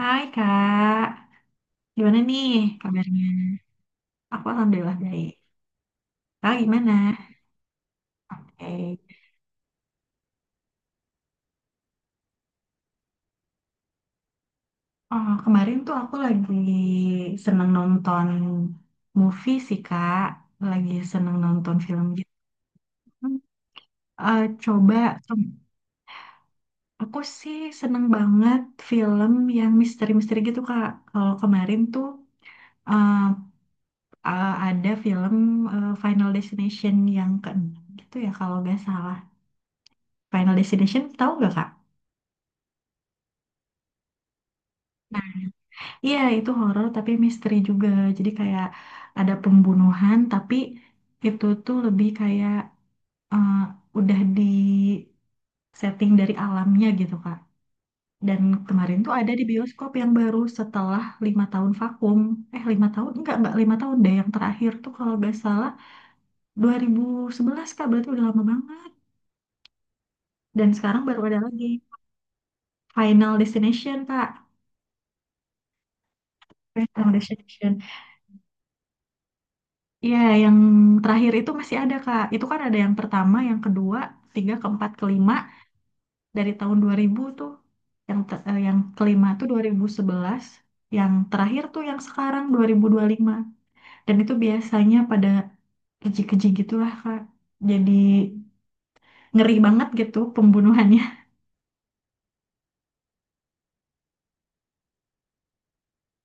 Hai Kak, gimana nih kabarnya? Aku alhamdulillah baik. Kak gimana? Baik. Oh, kemarin tuh aku lagi seneng nonton movie sih Kak, lagi seneng nonton film gitu. Eh, coba, aku sih seneng banget film yang misteri-misteri gitu Kak. Kalau kemarin tuh eh, ada film Final Destination yang keenam gitu ya kalau nggak salah. Final Destination tahu nggak Kak? Iya, itu horor tapi misteri juga. Jadi kayak ada pembunuhan tapi itu tuh lebih kayak eh, udah di setting dari alamnya gitu, Kak. Dan kemarin tuh ada di bioskop yang baru setelah 5 tahun vakum. Eh, 5 tahun? Enggak 5 tahun deh. Yang terakhir tuh kalau nggak salah 2011, Kak. Berarti udah lama banget. Dan sekarang baru ada lagi Final Destination, Kak. Final Destination. Iya, yang terakhir itu masih ada, Kak. Itu kan ada yang pertama, yang kedua, tiga, keempat, kelima dari tahun 2000 tuh. Yang kelima tuh 2011, yang terakhir tuh yang sekarang 2025. Dan itu biasanya pada keji-keji gitulah, Kak. Jadi ngeri banget gitu pembunuhannya.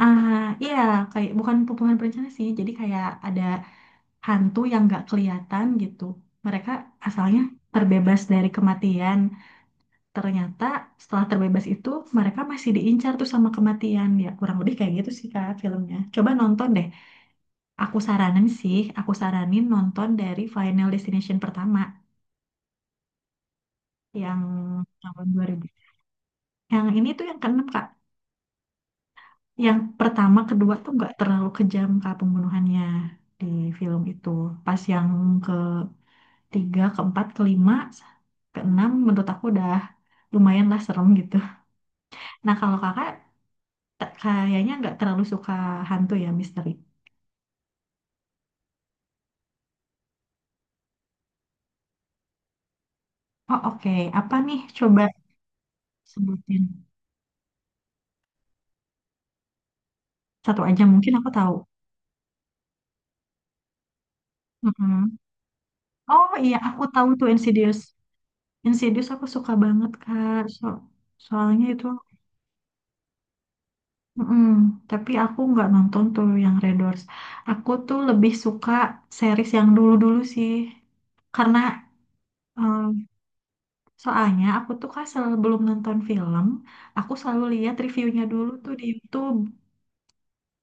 Ah, iya, kayak bukan pembunuhan berencana sih. Jadi kayak ada hantu yang nggak kelihatan gitu. Mereka asalnya terbebas dari kematian. Ternyata setelah terbebas itu mereka masih diincar tuh sama kematian, ya kurang lebih kayak gitu sih Kak filmnya. Coba nonton deh. Aku saranin nonton dari Final Destination pertama yang tahun 2000. Yang ini tuh yang keenam Kak. Yang pertama kedua tuh nggak terlalu kejam Kak pembunuhannya. Di film itu pas yang ketiga keempat kelima keenam menurut aku udah lumayan lah serem gitu. Nah, kalau kakak kayaknya nggak terlalu suka hantu ya, misteri. Oh, oke. Apa nih, coba sebutin satu aja mungkin aku tahu. Mm-mm. Oh iya, aku tahu tuh Insidious. Insidious aku suka banget Kak. Soalnya itu, mm-mm. Tapi aku nggak nonton tuh yang Red Doors. Aku tuh lebih suka series yang dulu-dulu sih, karena em, soalnya aku tuh kan sebelum nonton film, aku selalu lihat reviewnya dulu tuh di YouTube.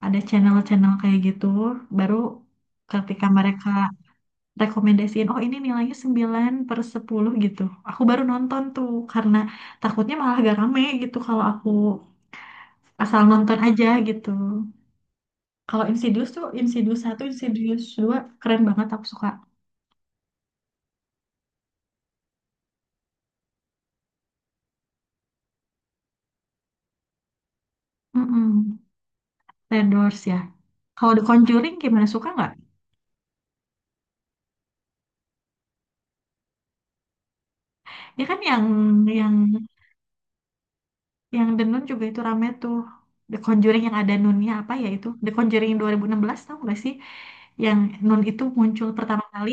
Ada channel-channel kayak gitu, baru ketika mereka rekomendasiin, oh ini nilainya 9/10 gitu, aku baru nonton tuh, karena takutnya malah gak rame gitu kalau aku asal nonton aja gitu. Kalau Insidious tuh, Insidious satu, Insidious 2 keren banget, aku suka mm The Doors ya. Kalau The Conjuring gimana, suka nggak? Ya kan yang yang yang The Nun juga itu rame tuh. The Conjuring yang ada Nunnya apa ya, itu The Conjuring 2016 tau nggak sih, yang Nun itu muncul pertama kali.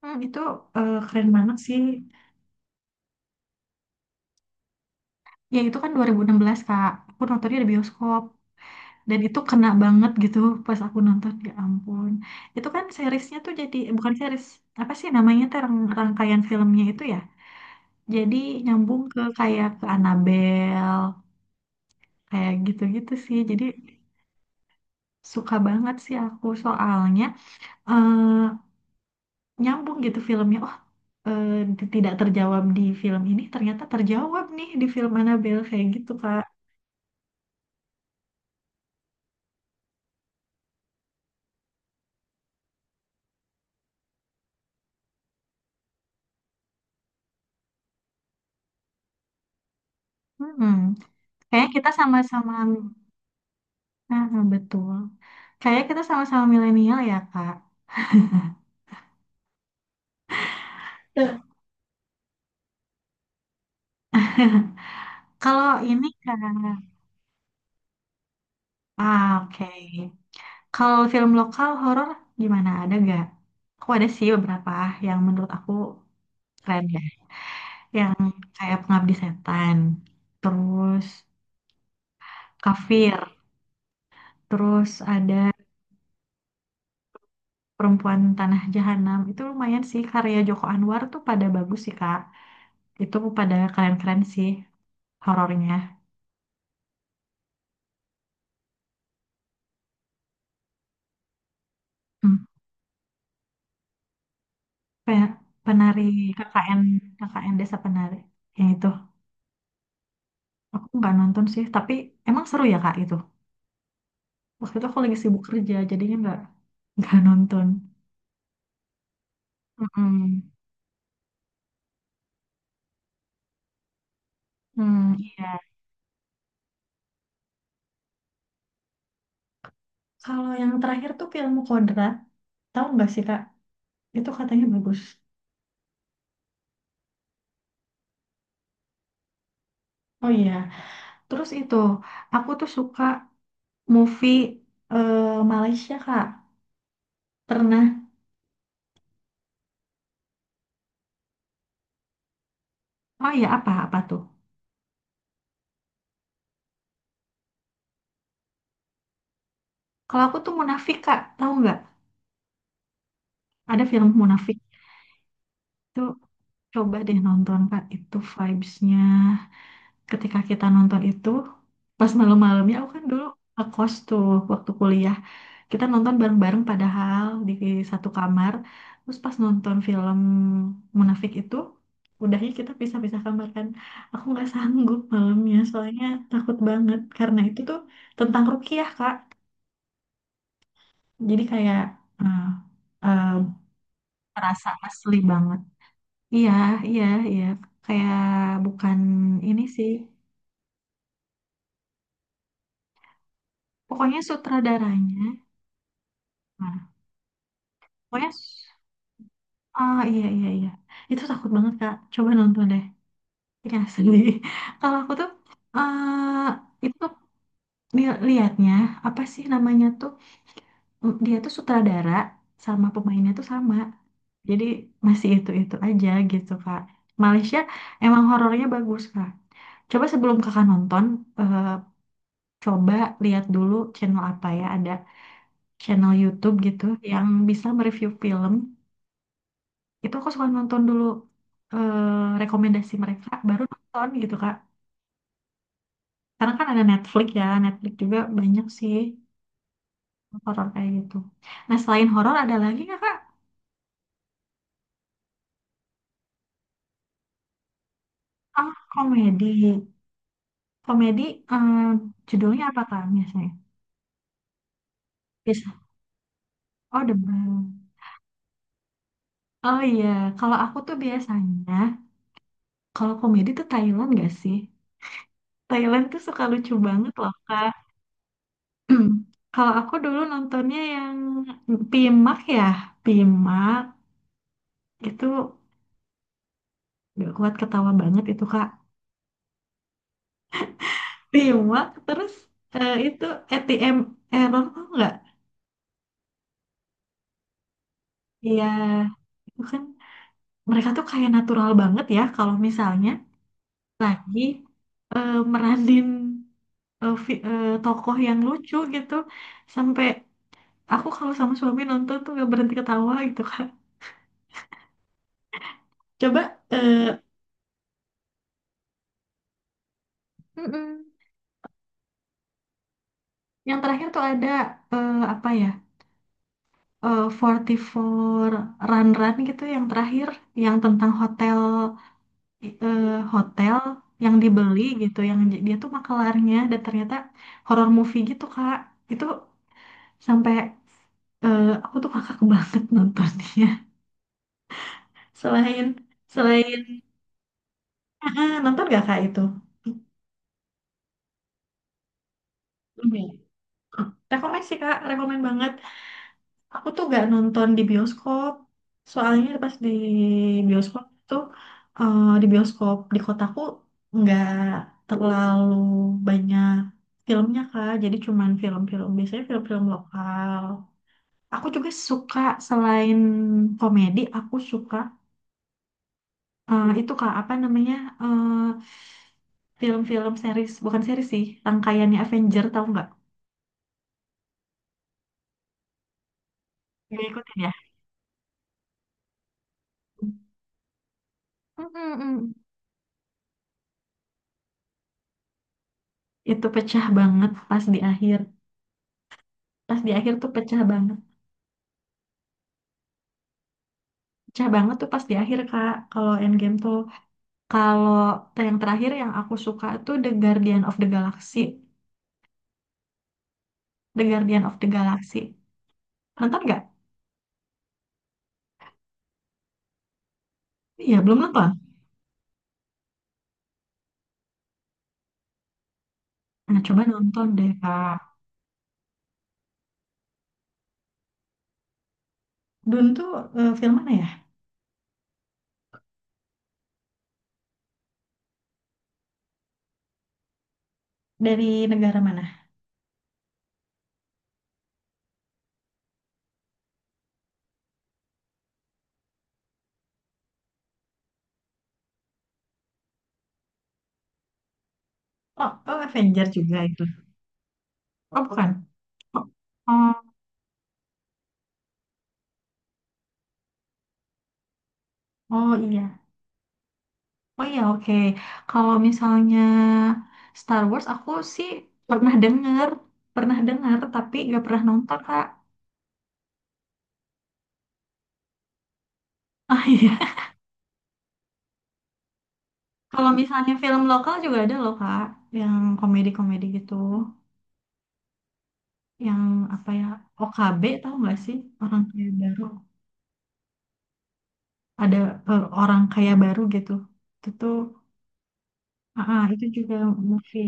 Itu keren banget sih. Ya itu kan 2016 Kak. Aku nontonnya di bioskop. Dan itu kena banget gitu pas aku nonton. Ya ampun. Itu kan seriesnya tuh jadi, bukan series. Apa sih namanya tuh, rangkaian filmnya itu ya. Jadi nyambung ke kayak ke Annabelle. Kayak gitu-gitu sih. Jadi suka banget sih aku, soalnya eh, nyambung gitu filmnya. Oh, eh, tidak terjawab di film ini ternyata terjawab nih di film Annabelle kayak gitu Kak. Hmm. Kayaknya kita sama-sama. Ah, betul. Kayaknya kita sama-sama milenial ya, Kak. Nah, kalau ini Kak, ah, oke. Kalau film lokal horor gimana, ada gak? Aku ada sih beberapa yang menurut aku keren ya. Yang kayak Pengabdi Setan, terus Kafir, terus ada Perempuan Tanah Jahanam. Itu lumayan sih, karya Joko Anwar tuh pada bagus sih Kak. Itu pada keren-keren sih horornya. Hmm. Pe- penari. KKN KKN Desa Penari yang itu aku nggak nonton sih, tapi emang seru ya Kak itu. Waktu itu aku lagi sibuk kerja jadinya nggak nggak nonton. Mm-mm. Hmm, iya, kalau yang terakhir tuh film Kodrat, tahu nggak sih Kak, itu katanya bagus. Oh iya, terus itu aku tuh suka movie eh, Malaysia Kak, pernah. Oh iya, apa apa tuh, kalau aku tuh Munafik Kak tahu nggak, ada film Munafik. Itu coba deh nonton Kak, itu vibes-nya ketika kita nonton itu pas malam-malamnya. Aku kan dulu ngekos tuh waktu kuliah. Kita nonton bareng-bareng padahal di satu kamar. Terus pas nonton film Munafik itu udahnya kita pisah-pisah kamar kan. Aku nggak sanggup malamnya soalnya takut banget, karena itu tuh tentang rukiah Kak. Jadi kayak eh, eh, merasa asli banget. Iya, iya, iya. Kayak bukan ini sih. Pokoknya sutradaranya. Nah, pokoknya, ah iya, iya, iya. Itu takut banget, Kak. Coba nonton deh. Iya, sedih. Kalau aku tuh, eh itu tuh liatnya, apa sih namanya tuh, dia tuh sutradara sama pemainnya tuh sama. Jadi masih itu-itu aja gitu, Kak. Malaysia emang horornya bagus, Kak. Coba sebelum kakak nonton, eh, coba lihat dulu channel apa ya ada, channel YouTube gitu yang bisa mereview film. Itu aku suka nonton dulu rekomendasi mereka baru nonton gitu Kak, karena kan ada Netflix ya, Netflix juga banyak sih horor kayak gitu. Nah, selain horor ada lagi nggak Kak? Ah, komedi, komedi eh, judulnya apa Kak biasanya, bisa? Oh, Demam. Oh iya, kalau aku tuh biasanya kalau komedi tuh Thailand gak sih, Thailand tuh suka lucu banget loh Kak. Kalau aku dulu nontonnya yang Pimak ya, Pimak itu gak kuat ketawa banget itu Kak. Pimak terus itu ATM error kok nggak? Iya, itu kan mereka tuh kayak natural banget ya kalau misalnya lagi meranin tokoh yang lucu gitu, sampai aku kalau sama suami nonton tuh gak berhenti ketawa gitu Kak. Coba eh, mm-mm. Yang terakhir tuh ada apa ya? Eh, 44 Run Run gitu yang terakhir, yang tentang hotel eh, hotel yang dibeli gitu, yang dia tuh makelarnya dan ternyata horror movie gitu Kak. Itu sampai aku tuh kakak banget nontonnya. Selain selain, ah, ah, nonton gak Kak itu? Belum ya? Ah, rekomen sih Kak, rekomen banget. Aku tuh gak nonton di bioskop. Soalnya pas di bioskop tuh, di bioskop di kotaku nggak terlalu banyak filmnya Kak. Jadi cuman film-film, biasanya film-film lokal. Aku juga suka selain komedi, aku suka itu Kak apa namanya, eh, film-film series, bukan series sih, rangkaiannya Avenger tahu nggak? Nggak ikutin ya? Mm-mm-mm. Itu pecah banget pas di akhir. Pas di akhir tuh pecah banget, pecah banget tuh pas di akhir Kak kalau Endgame tuh. Kalau yang terakhir yang aku suka tuh The Guardian of the Galaxy. The Guardian of the Galaxy nonton nggak? Iya, belum nonton. Nah, coba nonton deh Kak. Dune tuh film mana ya, dari negara mana? Oh, oh, Avenger juga itu? Oh, bukan. Oh, oh, oh, iya, oh iya, oke. Kalau misalnya Star Wars, aku sih pernah dengar, pernah dengar tapi nggak pernah nonton Kak. Ah iya. Kalau misalnya film lokal juga ada loh Kak, yang komedi-komedi gitu, yang apa ya, OKB tahu nggak sih, orang kaya baru, ada orang kaya baru gitu. Itu tuh, ah, ah, itu juga movie.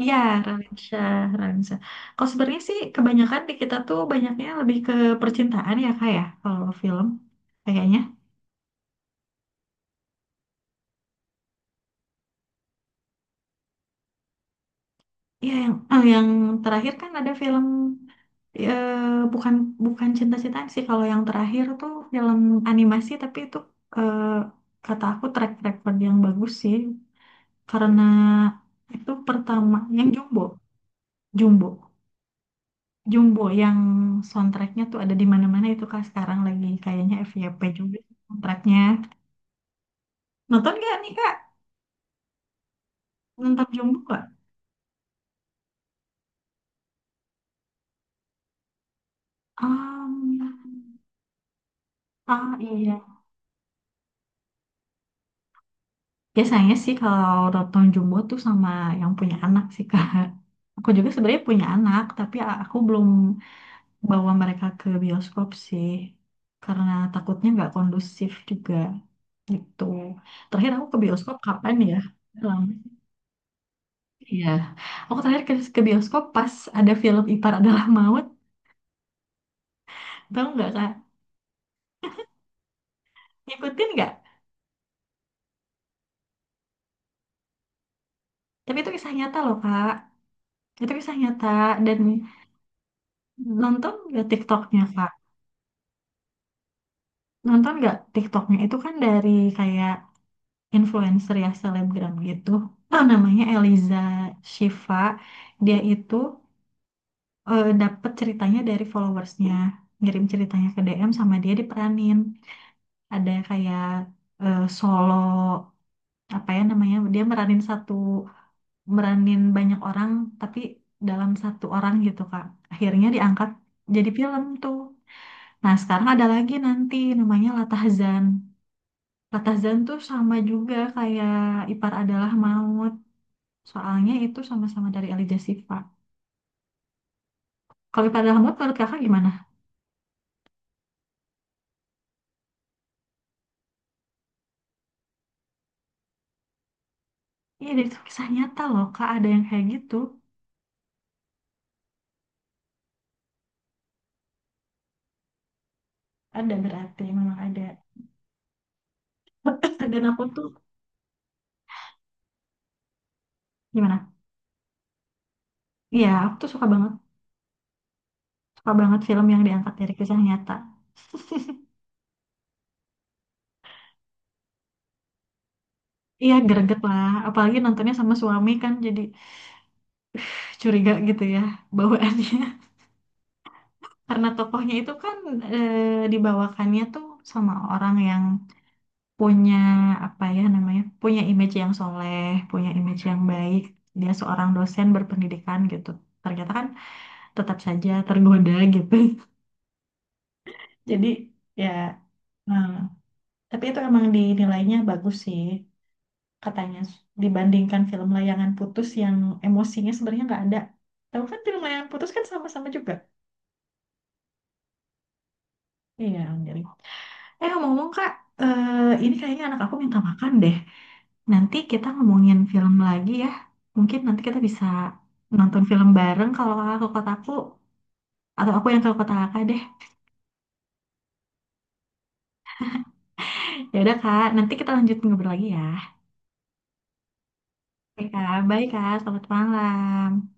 Iya, Ransha, Ransha. Kalau sebenarnya sih kebanyakan di kita tuh banyaknya lebih ke percintaan ya Kak ya, kalau film kayaknya. Ya yang yang terakhir kan ada film, bukan, bukan cinta-cintaan sih, kalau yang terakhir tuh film animasi, tapi itu eh, kata aku track record yang bagus sih, karena itu pertama yang Jumbo. Jumbo, Jumbo yang soundtracknya tuh ada di mana-mana itu Kak, sekarang lagi kayaknya FYP juga soundtracknya, nonton gak nih Kak, nonton Jumbo gak? Am, ah iya. Biasanya sih kalau nonton Jumbo tuh sama yang punya anak sih Kak. Aku juga sebenarnya punya anak, tapi aku belum bawa mereka ke bioskop sih, karena takutnya nggak kondusif juga gitu. Terakhir aku ke bioskop kapan ya? Lama. Iya. Aku terakhir ke bioskop pas ada film Ipar Adalah Maut. Tahu nggak Kak? Ngikutin nggak? Tapi itu kisah nyata loh Kak. Itu kisah nyata, dan nonton nggak TikToknya. Nonton nggak TikToknya, itu kan dari kayak influencer ya, selebgram gitu. Ah, namanya Eliza Shiva. Dia itu dapet ceritanya dari followersnya. Ngirim ceritanya ke DM sama dia diperanin. Ada kayak solo, apa ya namanya? Dia meranin banyak orang tapi dalam satu orang gitu Kak. Akhirnya diangkat jadi film tuh. Nah, sekarang ada lagi nanti namanya Latahzan. Ratazan tuh sama juga kayak Ipar Adalah Maut. Soalnya itu sama-sama dari Elijah Shiva. Kalau Ipar Adalah Maut menurut kakak gimana? Iya dari itu kisah nyata loh Kak, ada yang kayak gitu. Ada, berarti memang ada. Dan aku tuh gimana? Iya aku tuh suka banget. Suka banget film yang diangkat dari kisah nyata. Iya greget lah. Apalagi nontonnya sama suami kan, jadi curiga gitu ya bawaannya. Karena tokohnya itu kan dibawakannya tuh sama orang yang punya apa ya namanya, punya image yang soleh, punya image yang baik, dia seorang dosen berpendidikan gitu, ternyata kan tetap saja tergoda gitu. Jadi ya, eh, tapi itu emang dinilainya bagus sih katanya, dibandingkan film Layangan Putus yang emosinya sebenarnya nggak ada, tahu kan film Layangan Putus kan sama-sama juga, iya jadi. Eh ngomong-ngomong Kak, ini kayaknya anak aku minta makan deh. Nanti kita ngomongin film lagi ya. Mungkin nanti kita bisa nonton film bareng kalau kakak ke kotaku atau aku yang ke kota kakak deh. Ya udah Kak, nanti kita lanjut ngobrol lagi ya. Oke Kak, bye Kak, selamat malam.